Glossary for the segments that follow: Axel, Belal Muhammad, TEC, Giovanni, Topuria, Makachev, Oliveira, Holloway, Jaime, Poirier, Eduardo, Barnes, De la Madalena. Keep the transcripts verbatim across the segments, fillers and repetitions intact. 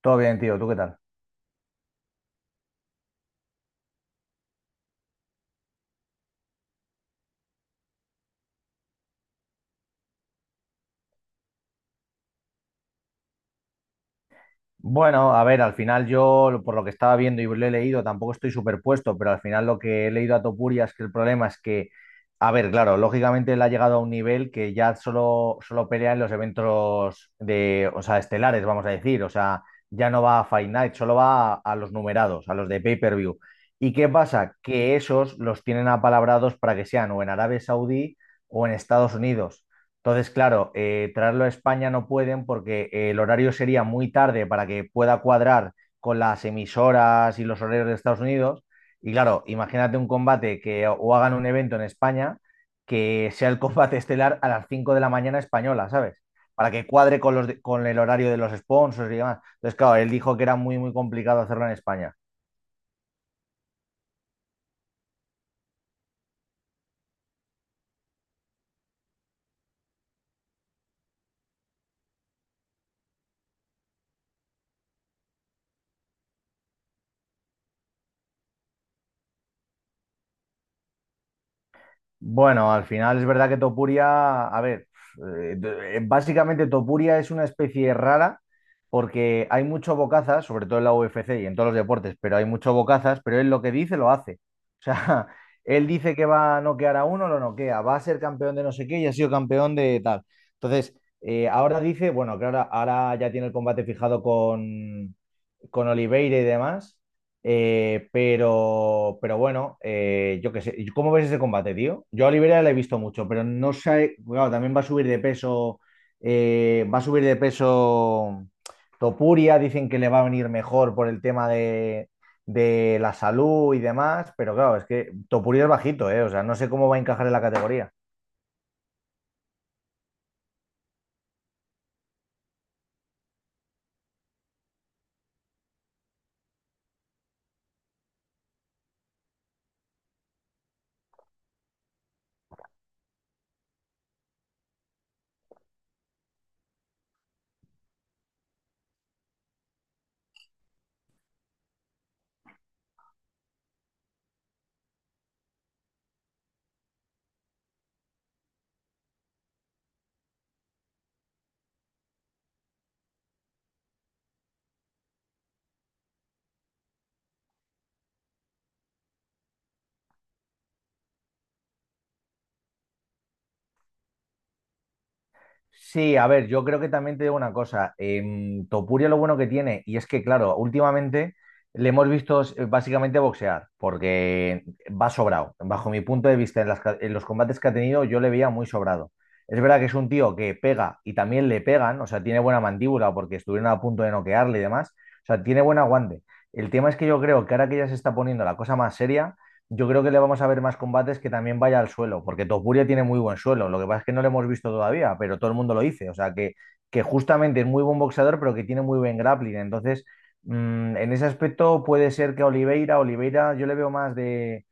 Todo bien, tío, ¿tú qué tal? Bueno, a ver, al final yo, lo- por lo que estaba viendo y lo he leído, tampoco estoy superpuesto, pero al final lo que he leído a Topuria es que el problema es que, a ver, claro, lógicamente él ha llegado a un nivel que ya solo, solo pelea en los eventos de, o sea, estelares, vamos a decir, o sea, ya no va a Fight Night, solo va a, a los numerados, a los de pay-per-view. ¿Y qué pasa? Que esos los tienen apalabrados para que sean o en Arabia Saudí o en Estados Unidos. Entonces, claro, eh, traerlo a España no pueden porque eh, el horario sería muy tarde para que pueda cuadrar con las emisoras y los horarios de Estados Unidos. Y claro, imagínate un combate que o hagan un evento en España que sea el combate estelar a las cinco de la mañana española, ¿sabes? Para que cuadre con los de- con el horario de los sponsors y demás. Entonces, claro, él dijo que era muy, muy complicado hacerlo en España. Bueno, al final es verdad que Topuria, a ver, eh, d- básicamente Topuria es una especie rara porque hay mucho bocazas, sobre todo en la U F C y en todos los deportes, pero hay mucho bocazas, pero él lo que dice lo hace. O sea, él dice que va a noquear a uno, lo noquea, va a ser campeón de no sé qué y ha sido campeón de tal. Entonces, eh, ahora dice, bueno, claro, ahora ya tiene el combate fijado con, con Oliveira y demás. eh, pero, pero bueno, eh, yo qué sé. ¿Cómo ves ese combate, tío? Yo a Oliveira le he visto mucho, pero no sé. Claro, también va a subir de peso. Eh, va a subir de peso Topuria. Dicen que le va a venir mejor por el tema de, de la salud y demás. Pero claro, es que Topuria es bajito, ¿eh? O sea, no sé cómo va a encajar en la categoría. Sí, a ver, yo creo que también te digo una cosa. em, Topuria lo bueno que tiene, y es que, claro, últimamente le hemos visto eh, básicamente boxear, porque va sobrado. Bajo mi punto de vista, en, las ca- en los combates que ha tenido, yo le veía muy sobrado. Es verdad que es un tío que pega y también le pegan, o sea, tiene buena mandíbula porque estuvieron a punto de noquearle y demás. O sea, tiene buen aguante. El tema es que yo creo que ahora que ya se está poniendo la cosa más seria. Yo creo que le vamos a ver más combates que también vaya al suelo, porque Topuria tiene muy buen suelo. Lo que pasa es que no lo hemos visto todavía, pero todo el mundo lo dice. O sea, que, que justamente es muy buen boxeador, pero que tiene muy buen grappling. Entonces, mm, en ese aspecto puede ser que Oliveira, Oliveira, yo le veo más de,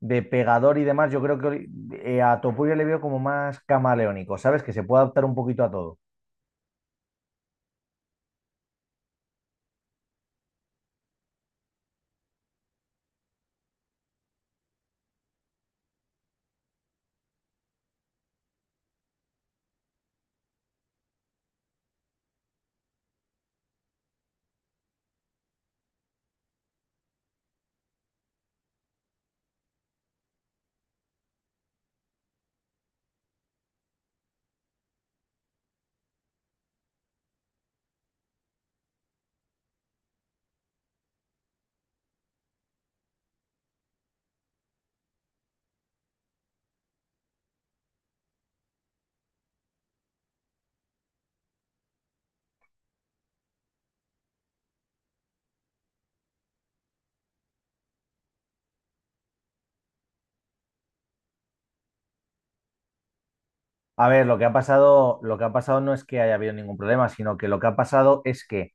de pegador y demás. Yo creo que Oli- eh, a Topuria le veo como más camaleónico, ¿sabes? Que se puede adaptar un poquito a todo. A ver, lo que ha pasado, lo que ha pasado no es que haya habido ningún problema, sino que lo que ha pasado es que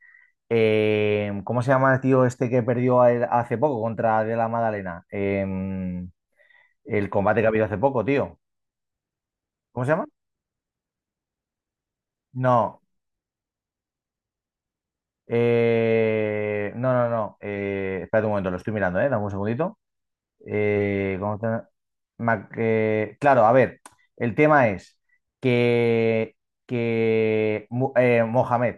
Eh, ¿cómo se llama el tío este que perdió a él hace poco contra De la Madalena? Em, el combate que ha habido hace poco, tío. ¿Cómo se llama? No. Eh, no, no, no. Eh, espérate un momento, lo estoy mirando, ¿eh? Dame un segundito. Eh, ¿cómo te- Mac- eh, claro, a ver, el tema es que, que Mu- eh, Mohamed,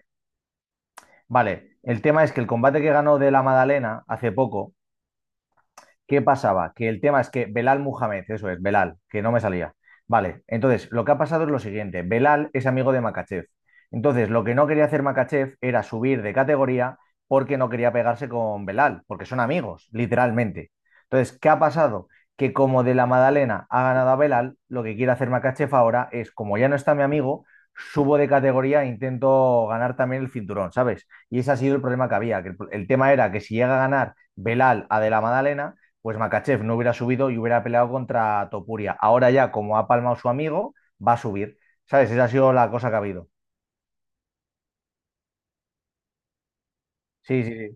vale, el tema es que el combate que ganó De la Madalena hace poco. ¿Qué pasaba? Que el tema es que Belal Muhammad, eso es, Belal, que no me salía. Vale, entonces lo que ha pasado es lo siguiente: Belal es amigo de Makachev. Entonces, lo que no quería hacer Makachev era subir de categoría porque no quería pegarse con Belal, porque son amigos, literalmente. Entonces, ¿qué ha pasado? Que como de la Madalena ha ganado a Belal, lo que quiere hacer Makachev ahora es, como ya no está mi amigo, subo de categoría e intento ganar también el cinturón, ¿sabes? Y ese ha sido el problema que había, que el, el tema era que si llega a ganar Belal a de la Madalena, pues Makachev no hubiera subido y hubiera peleado contra Topuria. Ahora ya, como ha palmado su amigo, va a subir. ¿Sabes? Esa ha sido la cosa que ha habido. Sí, sí, sí.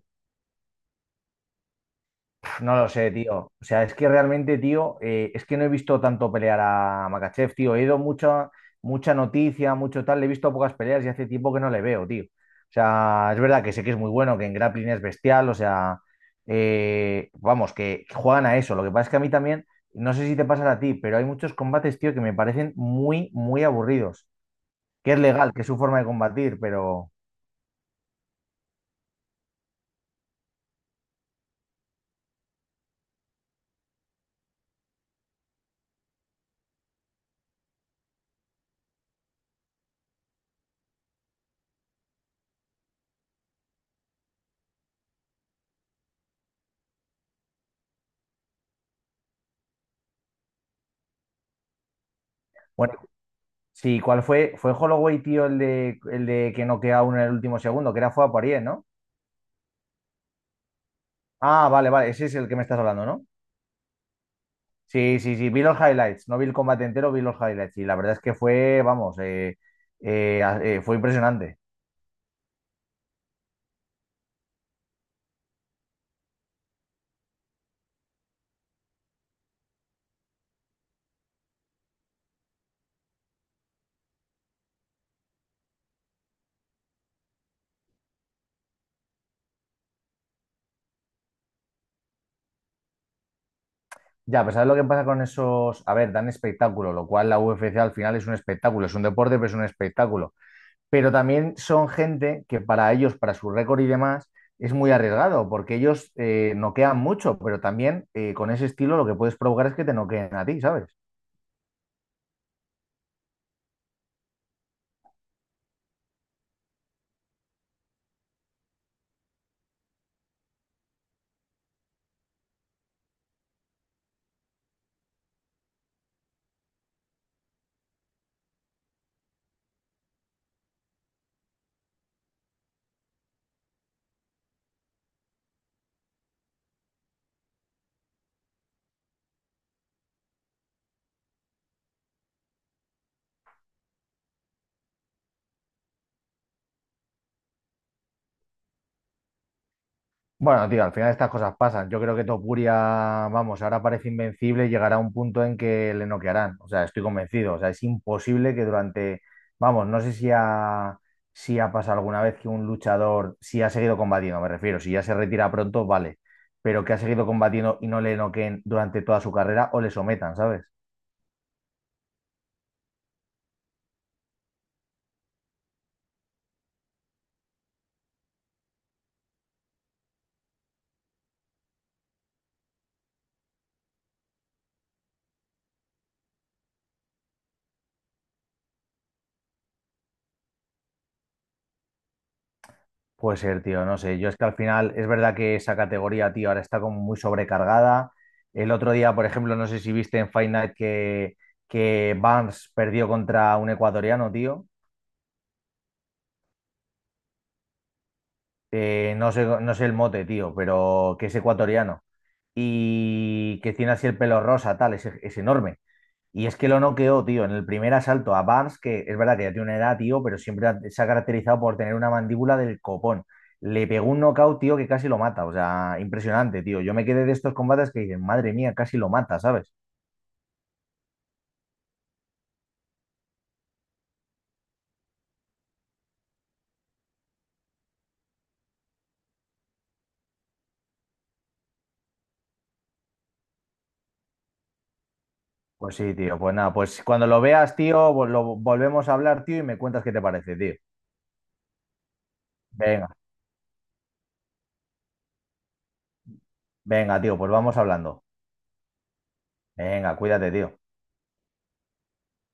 No lo sé, tío. O sea, es que realmente, tío, eh, es que no he visto tanto pelear a Makachev, tío. He ido mucha, mucha noticia, mucho tal. Le he visto pocas peleas y hace tiempo que no le veo, tío. O sea, es verdad que sé que es muy bueno, que en grappling es bestial. O sea, eh, vamos, que juegan a eso. Lo que pasa es que a mí también, no sé si te pasa a ti, pero hay muchos combates, tío, que me parecen muy, muy aburridos. Que es legal, que es su forma de combatir, pero bueno, sí, ¿cuál fue? Fue Holloway, tío, el de, el de que noquea a uno en el último segundo, que era fue a Poirier, ¿no? Ah, vale, vale, ese es el que me estás hablando, ¿no? Sí, sí, sí, vi los highlights, no vi el combate entero, vi los highlights y la verdad es que fue, vamos, eh, eh, a- eh, fue impresionante. Ya, pues ¿sabes lo que pasa con esos? A ver, dan espectáculo, lo cual la U F C al final es un espectáculo, es un deporte, pero es un espectáculo. Pero también son gente que para ellos, para su récord y demás, es muy arriesgado, porque ellos eh, noquean mucho, pero también eh, con ese estilo lo que puedes provocar es que te noqueen a ti, ¿sabes? Bueno, tío, al final estas cosas pasan. Yo creo que Topuria, vamos, ahora parece invencible y llegará un punto en que le noquearán. O sea, estoy convencido. O sea, es imposible que durante, vamos, no sé si ha, si ha pasado alguna vez que un luchador, si ha seguido combatiendo, me refiero, si ya se retira pronto, vale, pero que ha seguido combatiendo y no le noqueen durante toda su carrera o le sometan, ¿sabes? Puede ser, tío, no sé. Yo es que al final es verdad que esa categoría, tío, ahora está como muy sobrecargada. El otro día, por ejemplo, no sé si viste en Fight Night que, que Barnes perdió contra un ecuatoriano, tío. Eh, no sé, no sé el mote, tío, pero que es ecuatoriano. Y que tiene así el pelo rosa, tal, es, es enorme. Y es que lo noqueó, tío, en el primer asalto a Barnes, que es verdad que ya tiene una edad, tío, pero siempre ha- se ha caracterizado por tener una mandíbula del copón. Le pegó un knockout, tío, que casi lo mata. O sea, impresionante, tío. Yo me quedé de estos combates que dicen, madre mía, casi lo mata, ¿sabes? Pues sí, tío. Pues nada, pues cuando lo veas, tío, vol- lo volvemos a hablar, tío, y me cuentas qué te parece, tío. Venga, venga, tío, pues vamos hablando. Venga, cuídate, tío.